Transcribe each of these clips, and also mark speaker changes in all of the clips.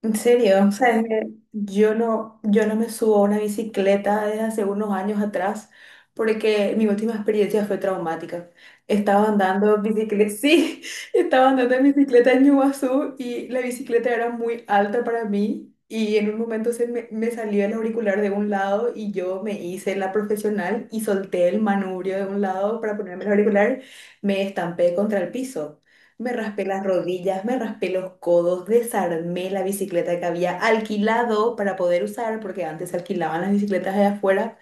Speaker 1: En serio, o sea, es que yo no me subo a una bicicleta desde hace unos años atrás porque mi última experiencia fue traumática. Estaba andando en bicicleta, sí, estaba andando en bicicleta en Iguazú y la bicicleta era muy alta para mí y en un momento me salió el auricular de un lado y yo me hice la profesional y solté el manubrio de un lado para ponerme el auricular, me estampé contra el piso. Me raspé las rodillas, me raspé los codos, desarmé la bicicleta que había alquilado para poder usar, porque antes se alquilaban las bicicletas allá afuera.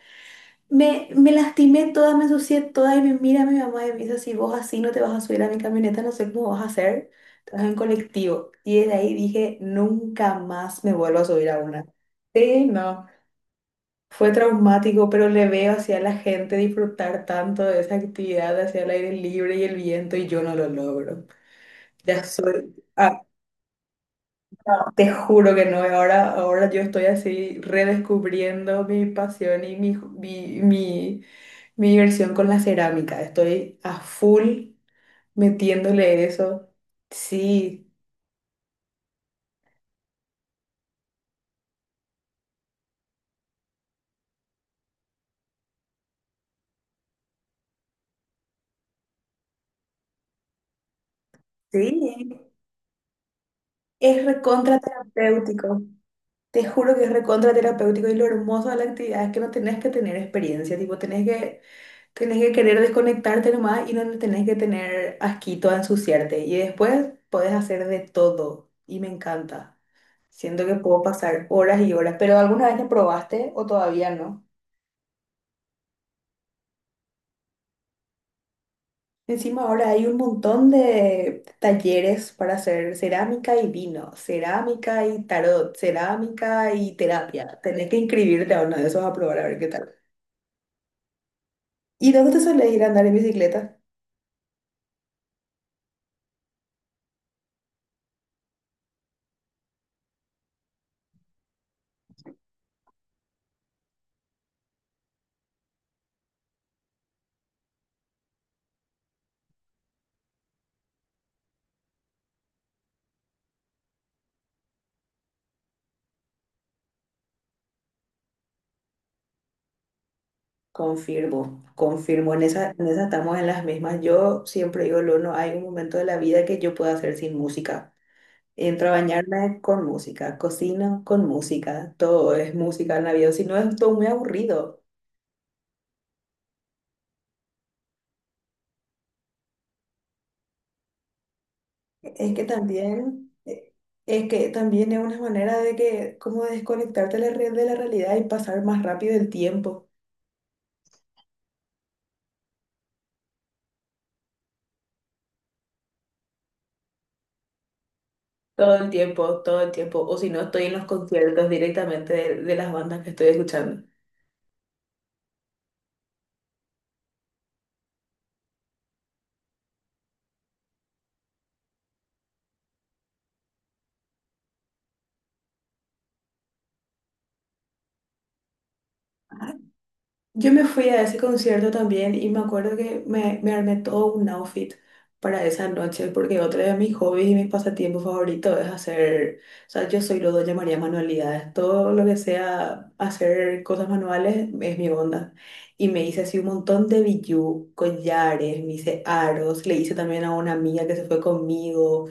Speaker 1: Me lastimé toda, me ensucié toda y me mira mi mamá y me dice, si vos así no te vas a subir a mi camioneta, no sé cómo vas a hacer, te vas en colectivo. Y desde ahí dije, nunca más me vuelvo a subir a una. Sí, no. Fue traumático, pero le veo hacia la gente disfrutar tanto de esa actividad, hacia el aire libre y el viento, y yo no lo logro. Ya soy. Te juro que no, y ahora yo estoy así redescubriendo mi pasión y mi diversión con la cerámica. Estoy a full metiéndole eso. Sí, sí, es recontra terapéutico. Te juro que es recontra terapéutico y lo hermoso de la actividad es que no tenés que tener experiencia, tipo, tenés que querer desconectarte nomás y no tenés que tener asquito a ensuciarte. Y después podés hacer de todo y me encanta. Siento que puedo pasar horas y horas, pero ¿alguna vez lo probaste o todavía no? Encima ahora hay un montón de talleres para hacer cerámica y vino, cerámica y tarot, cerámica y terapia. Tenés que inscribirte a uno de esos a probar a ver qué tal. ¿Y dónde te sueles ir a andar en bicicleta? Confirmo, confirmo, en esa estamos en las mismas. Yo siempre digo, lo no hay un momento de la vida que yo pueda hacer sin música. Entro a bañarme con música, cocino con música, todo es música en la vida, si no es todo muy aburrido. Es que también, es que también es una manera de que, como desconectarte de de la realidad y pasar más rápido el tiempo. Todo el tiempo, todo el tiempo. O si no, estoy en los conciertos directamente de las bandas que estoy escuchando. Yo me fui a ese concierto también y me acuerdo que me armé todo un outfit para esa noche porque otro de mis hobbies y mis pasatiempos favoritos es hacer, o sea, yo soy lo que llamaría manualidades, todo lo que sea hacer cosas manuales es mi onda. Y me hice así un montón de bijú, collares, me hice aros, le hice también a una amiga que se fue conmigo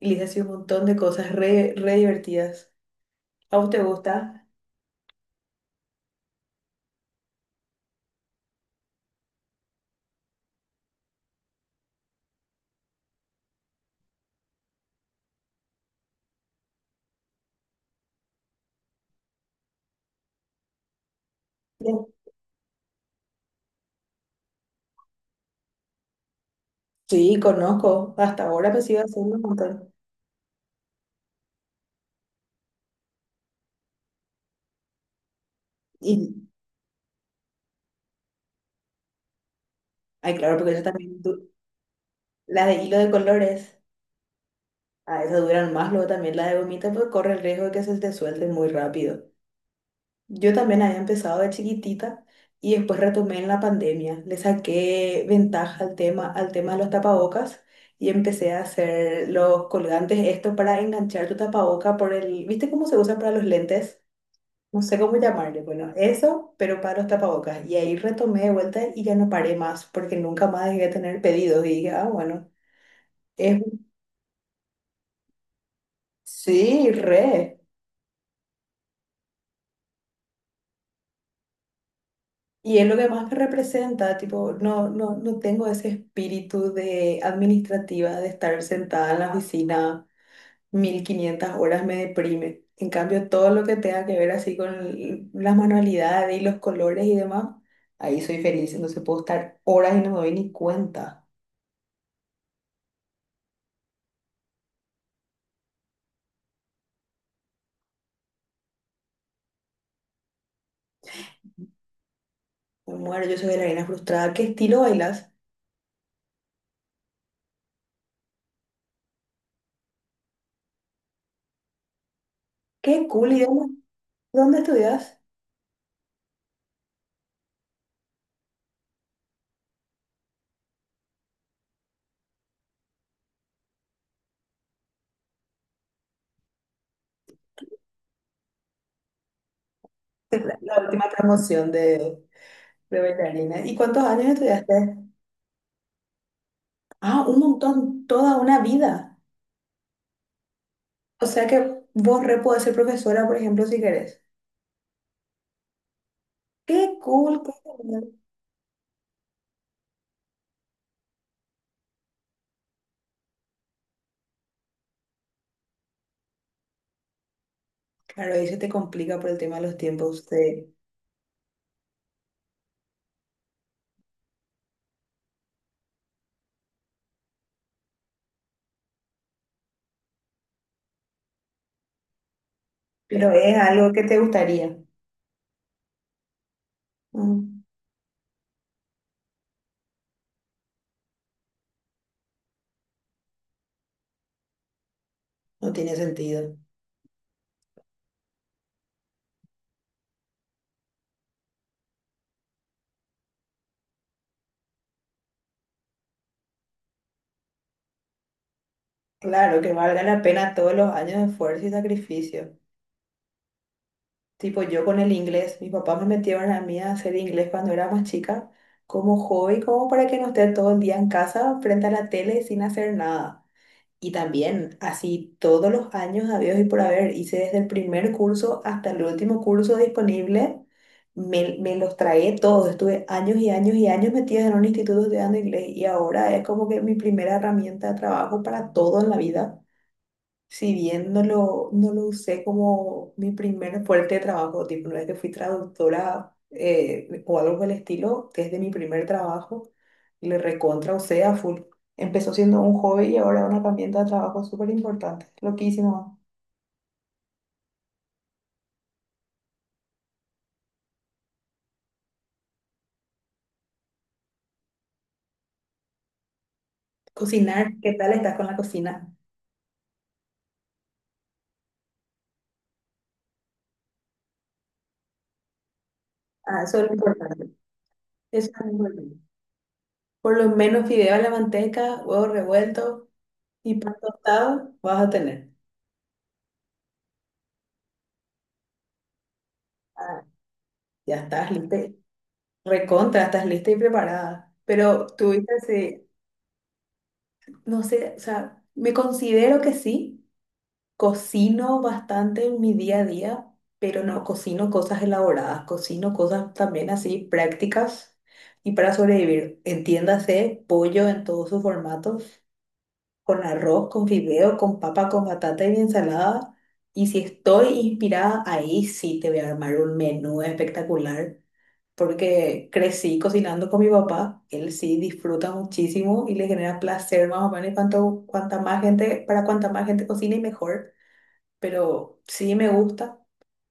Speaker 1: y le hice así un montón de cosas re divertidas. ¿A vos te gusta? Sí, sí, conozco, hasta ahora me sigo haciendo un montón. Y, ay, claro, porque eso también, las de hilo de colores, a esas duran más, luego también la de gomita, pues corre el riesgo de que se te suelte muy rápido. Yo también había empezado de chiquitita y después retomé en la pandemia. Le saqué ventaja al tema de los tapabocas y empecé a hacer los colgantes, esto para enganchar tu tapaboca por el, ¿viste cómo se usa para los lentes? No sé cómo llamarle, bueno, eso, pero para los tapabocas. Y ahí retomé de vuelta y ya no paré más, porque nunca más dejé de tener pedidos. Y dije, ah, bueno. Es, sí, re. Y es lo que más me representa, tipo, no tengo ese espíritu de administrativa, de estar sentada en la oficina 1500 horas me deprime. En cambio, todo lo que tenga que ver así con las manualidades y los colores y demás, ahí soy feliz, entonces puedo estar horas y no me doy ni cuenta. Me muero, yo soy bailarina frustrada. ¿Qué estilo bailas? Qué cool, ¿dónde estudias? la última promoción de bailarina. ¿Y cuántos años estudiaste? Ah, un montón, toda una vida. O sea que vos re podés ser profesora, por ejemplo, si querés. Qué cool, qué genial. Claro, ahí se te complica por el tema de los tiempos, de- pero es algo que te gustaría. Mm, no tiene sentido. Claro, que valga la pena todos los años de esfuerzo y sacrificio. Tipo, yo con el inglés, mis papás me metieron a mí a hacer inglés cuando era más chica, como hobby, como para que no esté todo el día en casa frente a la tele sin hacer nada. Y también, así todos los años habidos y por haber, hice desde el primer curso hasta el último curso disponible, me los tragué todos. Estuve años y años y años metida en un instituto estudiando inglés y ahora es como que mi primera herramienta de trabajo para todo en la vida. Si bien no lo usé como mi primer fuerte de trabajo, tipo, no es que fui traductora o algo por el estilo, desde mi primer trabajo, le recontra usé a full. Empezó siendo un hobby y ahora una herramienta de trabajo súper importante. Loquísimo. Cocinar, ¿qué tal estás con la cocina? Ah, eso es lo importante. Eso es lo importante. Por lo menos fideo a la manteca, huevo revuelto y pan tostado vas a tener. Ah, ya estás listo. Recontra, estás lista y preparada. Pero tuviste ese, no sé, o sea, me considero que sí, cocino bastante en mi día a día, pero no cocino cosas elaboradas, cocino cosas también así prácticas y para sobrevivir. Entiéndase, pollo en todos sus formatos, con arroz, con fideo, con papa, con batata y ensalada. Y si estoy inspirada, ahí sí te voy a armar un menú espectacular porque crecí cocinando con mi papá. Él sí disfruta muchísimo y le genera placer más o menos. Y cuanta más gente, para cuanta más gente cocine, mejor. Pero sí me gusta,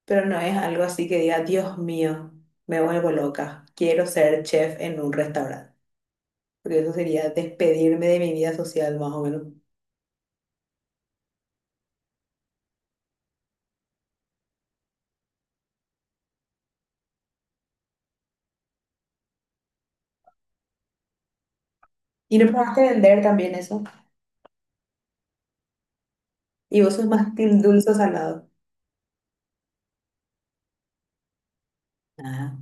Speaker 1: pero no es algo así que diga, Dios mío, me vuelvo loca. Quiero ser chef en un restaurante. Porque eso sería despedirme de mi vida social, más o menos. ¿Y no probaste vender también eso? ¿Y vos sos más team dulce o salado? Ah,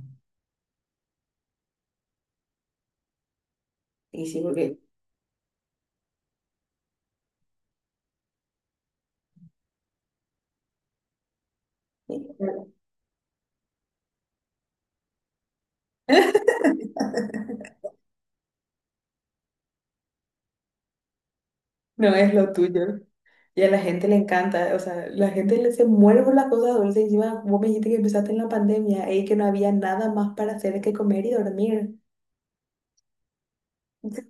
Speaker 1: y sí, porque... No es lo tuyo. Y a la gente le encanta, o sea, la gente le se muere por las cosas dulces. Encima, vos me dijiste que empezaste en la pandemia y que no había nada más para hacer que comer y dormir. Entonces,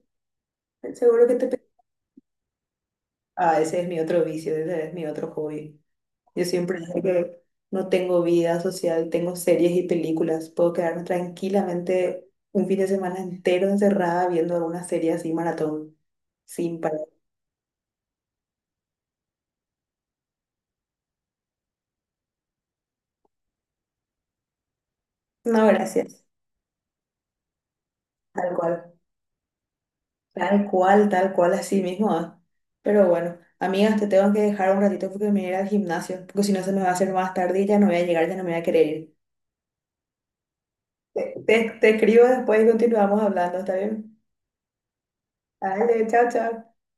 Speaker 1: seguro que te... pe- ah, ese es mi otro vicio, ese es mi otro hobby. Yo siempre digo que no tengo vida social, tengo series y películas. Puedo quedarme tranquilamente un fin de semana entero encerrada viendo alguna serie así, maratón, sin parar. No, gracias. Tal cual. Tal cual, tal cual, así mismo. Ah. Pero bueno, amigas, te tengo que dejar un ratito porque me voy a ir al gimnasio, porque si no se me va a hacer más tarde y ya no voy a llegar, ya no me voy a querer ir. Te escribo después y continuamos hablando, ¿está bien? Dale, chao, chao.